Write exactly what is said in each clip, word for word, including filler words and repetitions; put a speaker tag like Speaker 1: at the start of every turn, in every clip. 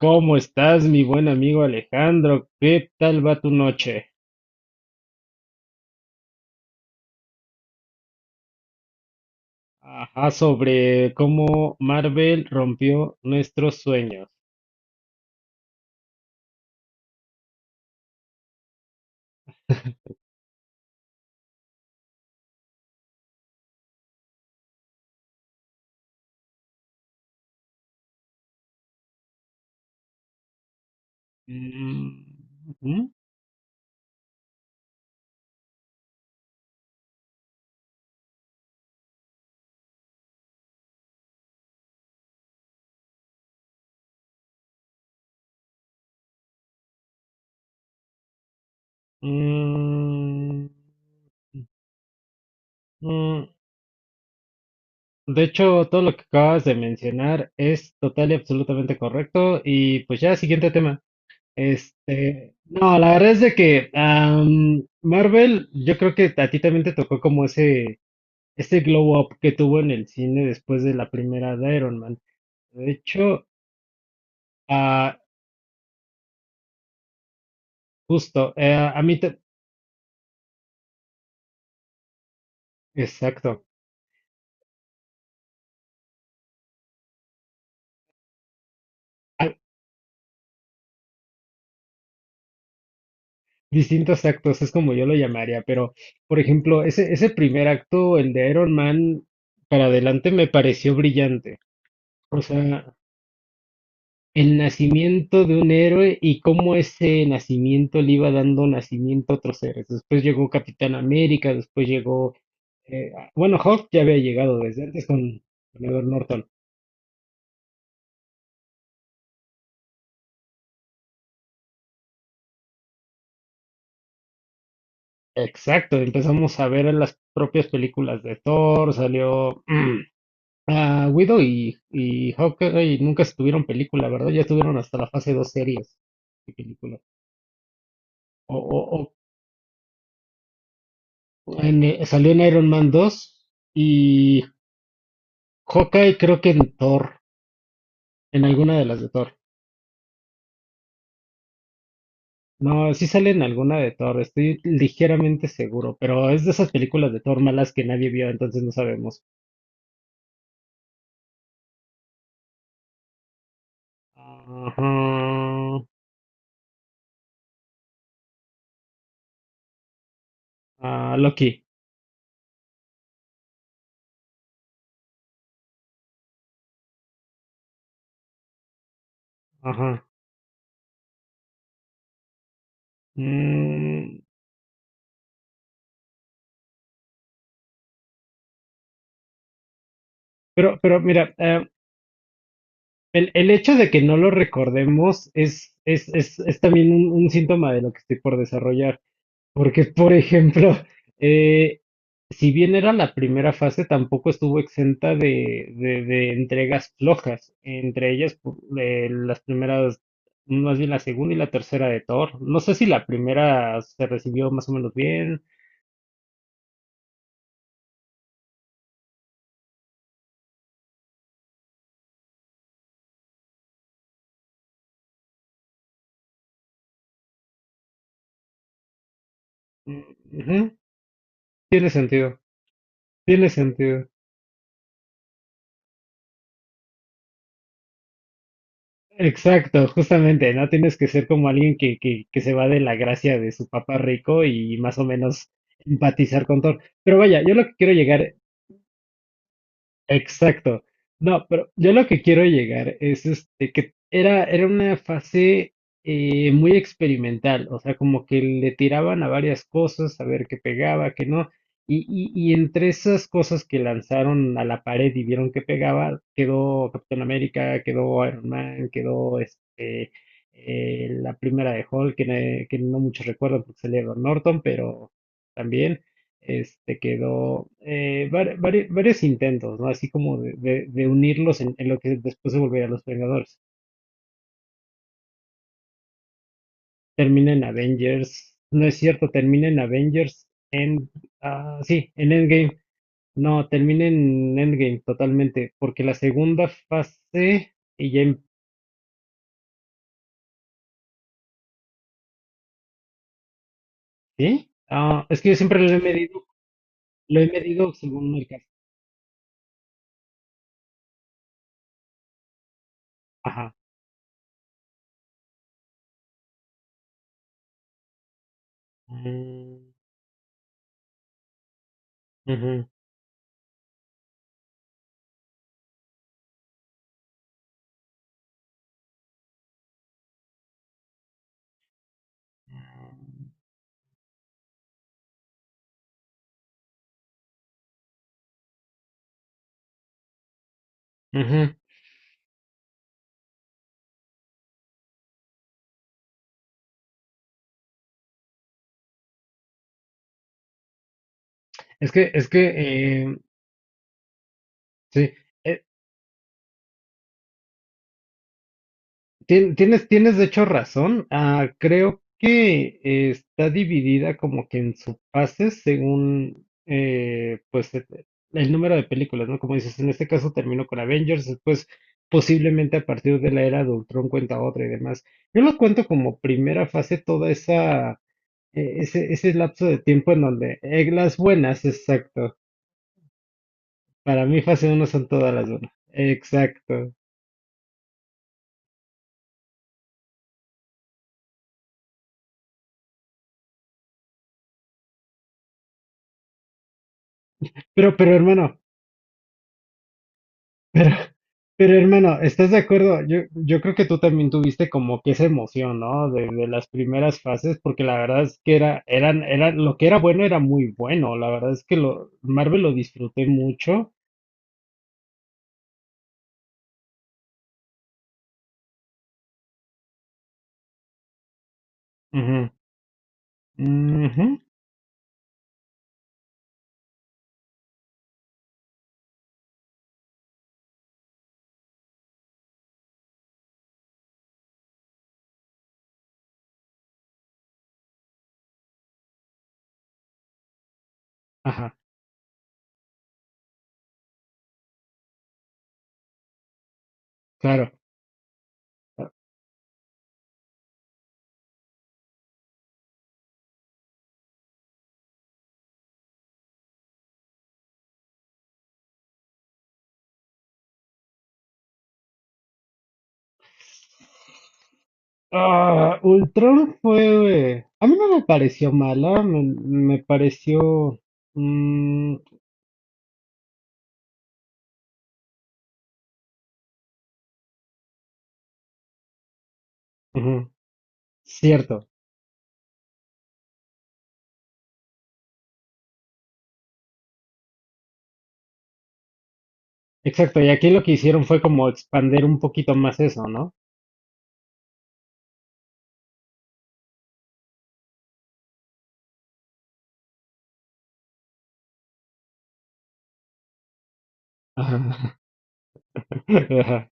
Speaker 1: ¿Cómo estás, mi buen amigo Alejandro? ¿Qué tal va tu noche? Ajá, sobre cómo Marvel rompió nuestros sueños. Mm, ujú, mm, mm. De hecho, todo lo que acabas de mencionar es total y absolutamente correcto. Y pues ya, siguiente tema. Este, no, la verdad es de que am, Marvel, yo creo que a ti también te tocó como ese ese glow up que tuvo en el cine después de la primera de Iron Man. De hecho, ah, justo, eh, a mí, te- exacto, a- distintos actos, es como yo lo llamaría, pero, por ejemplo, ese, ese primer acto, el de Iron Man, para adelante me pareció brillante. O sea, el nacimiento de un héroe y cómo ese nacimiento le iba dando nacimiento a otros héroes. Después llegó Capitán América, después llegó, eh, bueno, Hulk ya había llegado desde antes con Edward Norton. Exacto, empezamos a ver en las propias películas de Thor, salió mm, ah, Widow y, y Hawkeye nunca estuvieron película, ¿verdad? Ya estuvieron hasta la fase dos series de película. O, o- o en, eh, salió en Iron Man dos y Hawkeye creo que en Thor, en alguna de las de Thor. No, sí sale en alguna de Thor, estoy ligeramente seguro, pero es de esas películas de Thor malas que nadie vio, entonces no sabemos. Ajá, ah, Loki, ajá. Mm, pero, pero mira, eh, el, el hecho de que no lo recordemos es, es, es, es también un, un síntoma de lo que estoy por desarrollar. Porque, por ejemplo, eh, si bien era la primera fase, tampoco estuvo exenta de, de, de entregas flojas. Entre ellas, pu- eh, las primeras, más bien la segunda y la tercera de Thor. No sé si la primera se recibió más o menos bien. Mm, ujú. Tiene sentido, tiene sentido. Exacto, justamente, no tienes que ser como alguien que, que, que se va de la gracia de su papá rico y más o menos empatizar con Thor. Pero vaya, yo lo que quiero llegar. Exacto. No, pero yo lo que quiero llegar es este que era, era una fase eh, muy experimental, o sea, como que le tiraban a varias cosas, a ver qué pegaba, qué no, y, y, y entre esas cosas que lanzaron a la pared y vieron que pegaba, quedó Capitán América, quedó Iron Man, quedó este, eh, la primera de Hulk, que, ne- que no muchos recuerdan porque salía Edward Norton, pero también este, quedó eh, var- vari- varios intentos, ¿no? Así como de, de- de unirlos en, en lo que después se volvería Los Vengadores. Termina en Avengers, no es cierto, termina en Avengers, en, ah, sí, en Endgame. No, termina en Endgame totalmente, porque la segunda fase y ya, em- ¿sí? Ah, es que yo siempre lo he medido, lo he medido según el caso. Ajá. Mm, ujú, ujú. Es que, es que, eh, sí. e- Tien- Tienes, tienes de hecho razón. Ah, creo que eh, está dividida como que en subfases según eh, pues e- el número de películas, ¿no? Como dices, en este caso terminó con Avengers, después posiblemente a partir de la era de Ultron cuenta otra y demás. Yo lo cuento como primera fase toda esa eh, ese, ese lapso de tiempo en donde eh, las buenas, exacto. Para mí fase uno son todas las buenas. Exacto. Pero, pero hermano. Pero hermano, ¿estás de acuerdo? Yo, yo creo que tú también tuviste como que esa emoción, ¿no? De, de las primeras fases, porque la verdad es que era, eran, era, lo que era bueno era muy bueno. La verdad es que lo, Marvel lo disfruté mucho. Ujú, ujú, ajá, claro. Ah, Ultron fue, eh, a mí no me pareció mala, me, me pareció. Mm, ujú, cierto, exacto. Y aquí lo que hicieron fue como expander un poquito más eso, ¿no? Ajá. Ajá.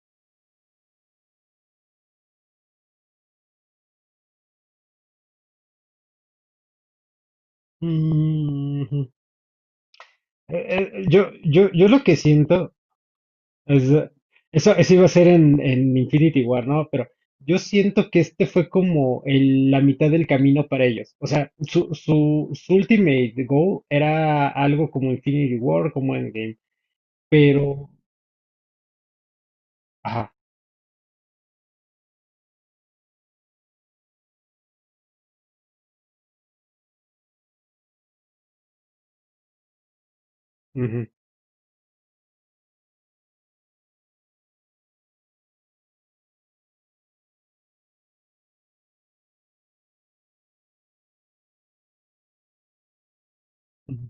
Speaker 1: Mm, eh, eh, yo, yo, yo lo que siento es, eh, eso, eso, iba a ser en, en Infinity War, ¿no? Pero yo siento que este fue como el- la mitad del camino para ellos. O sea, su, su, su ultimate goal era algo como Infinity War, como Endgame, pero, ajá, ujú, ujú,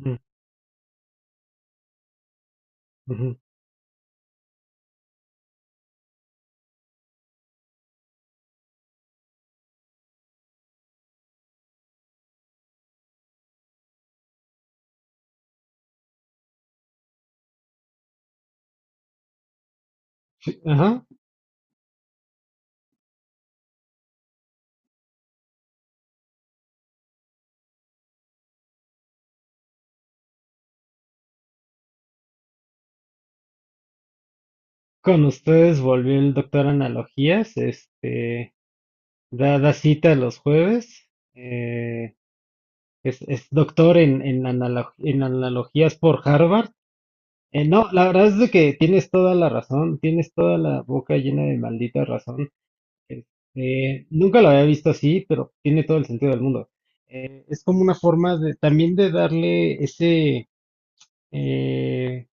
Speaker 1: ujú, ujú. Sí, ajá. Con ustedes volvió el doctor Analogías, este, da, da cita los jueves. Eh, es, es doctor en, en, analo- en analogías por Harvard. Eh, no, la verdad es de que tienes toda la razón, tienes toda la boca llena de maldita razón. Este, nunca lo había visto así, pero tiene todo el sentido del mundo. Eh, es como una forma de, también de darle ese, eh,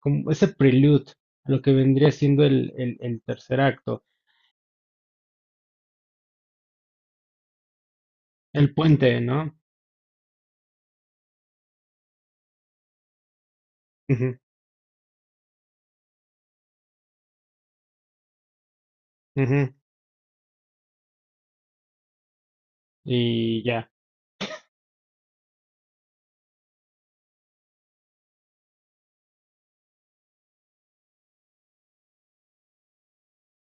Speaker 1: como ese prelude a lo que vendría siendo el, el, el tercer acto, el puente, ¿no? Ujú, ujú, y ya.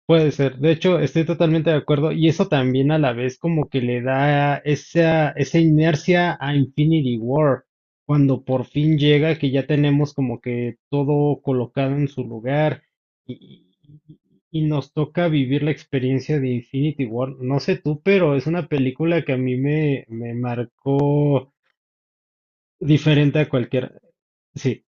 Speaker 1: Puede ser, de hecho, estoy totalmente de acuerdo y eso también a la vez como que le da esa, esa inercia a Infinity War, cuando por fin llega, que ya tenemos como que todo colocado en su lugar y, y- y nos toca vivir la experiencia de Infinity War. No sé tú, pero es una película que a mí me, me marcó diferente a cualquier... Sí,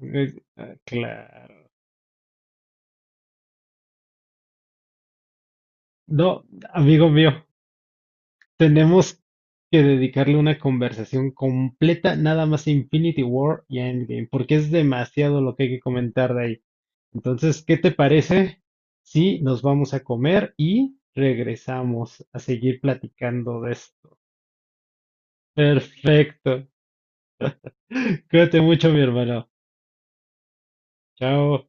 Speaker 1: eh, ah, claro. No, amigo mío. Tenemos que dedicarle una conversación completa nada más a Infinity War y a Endgame, porque es demasiado lo que hay que comentar de ahí. Entonces, ¿qué te parece si nos vamos a comer y regresamos a seguir platicando de esto? Perfecto. Cuídate mucho, mi hermano. Chao.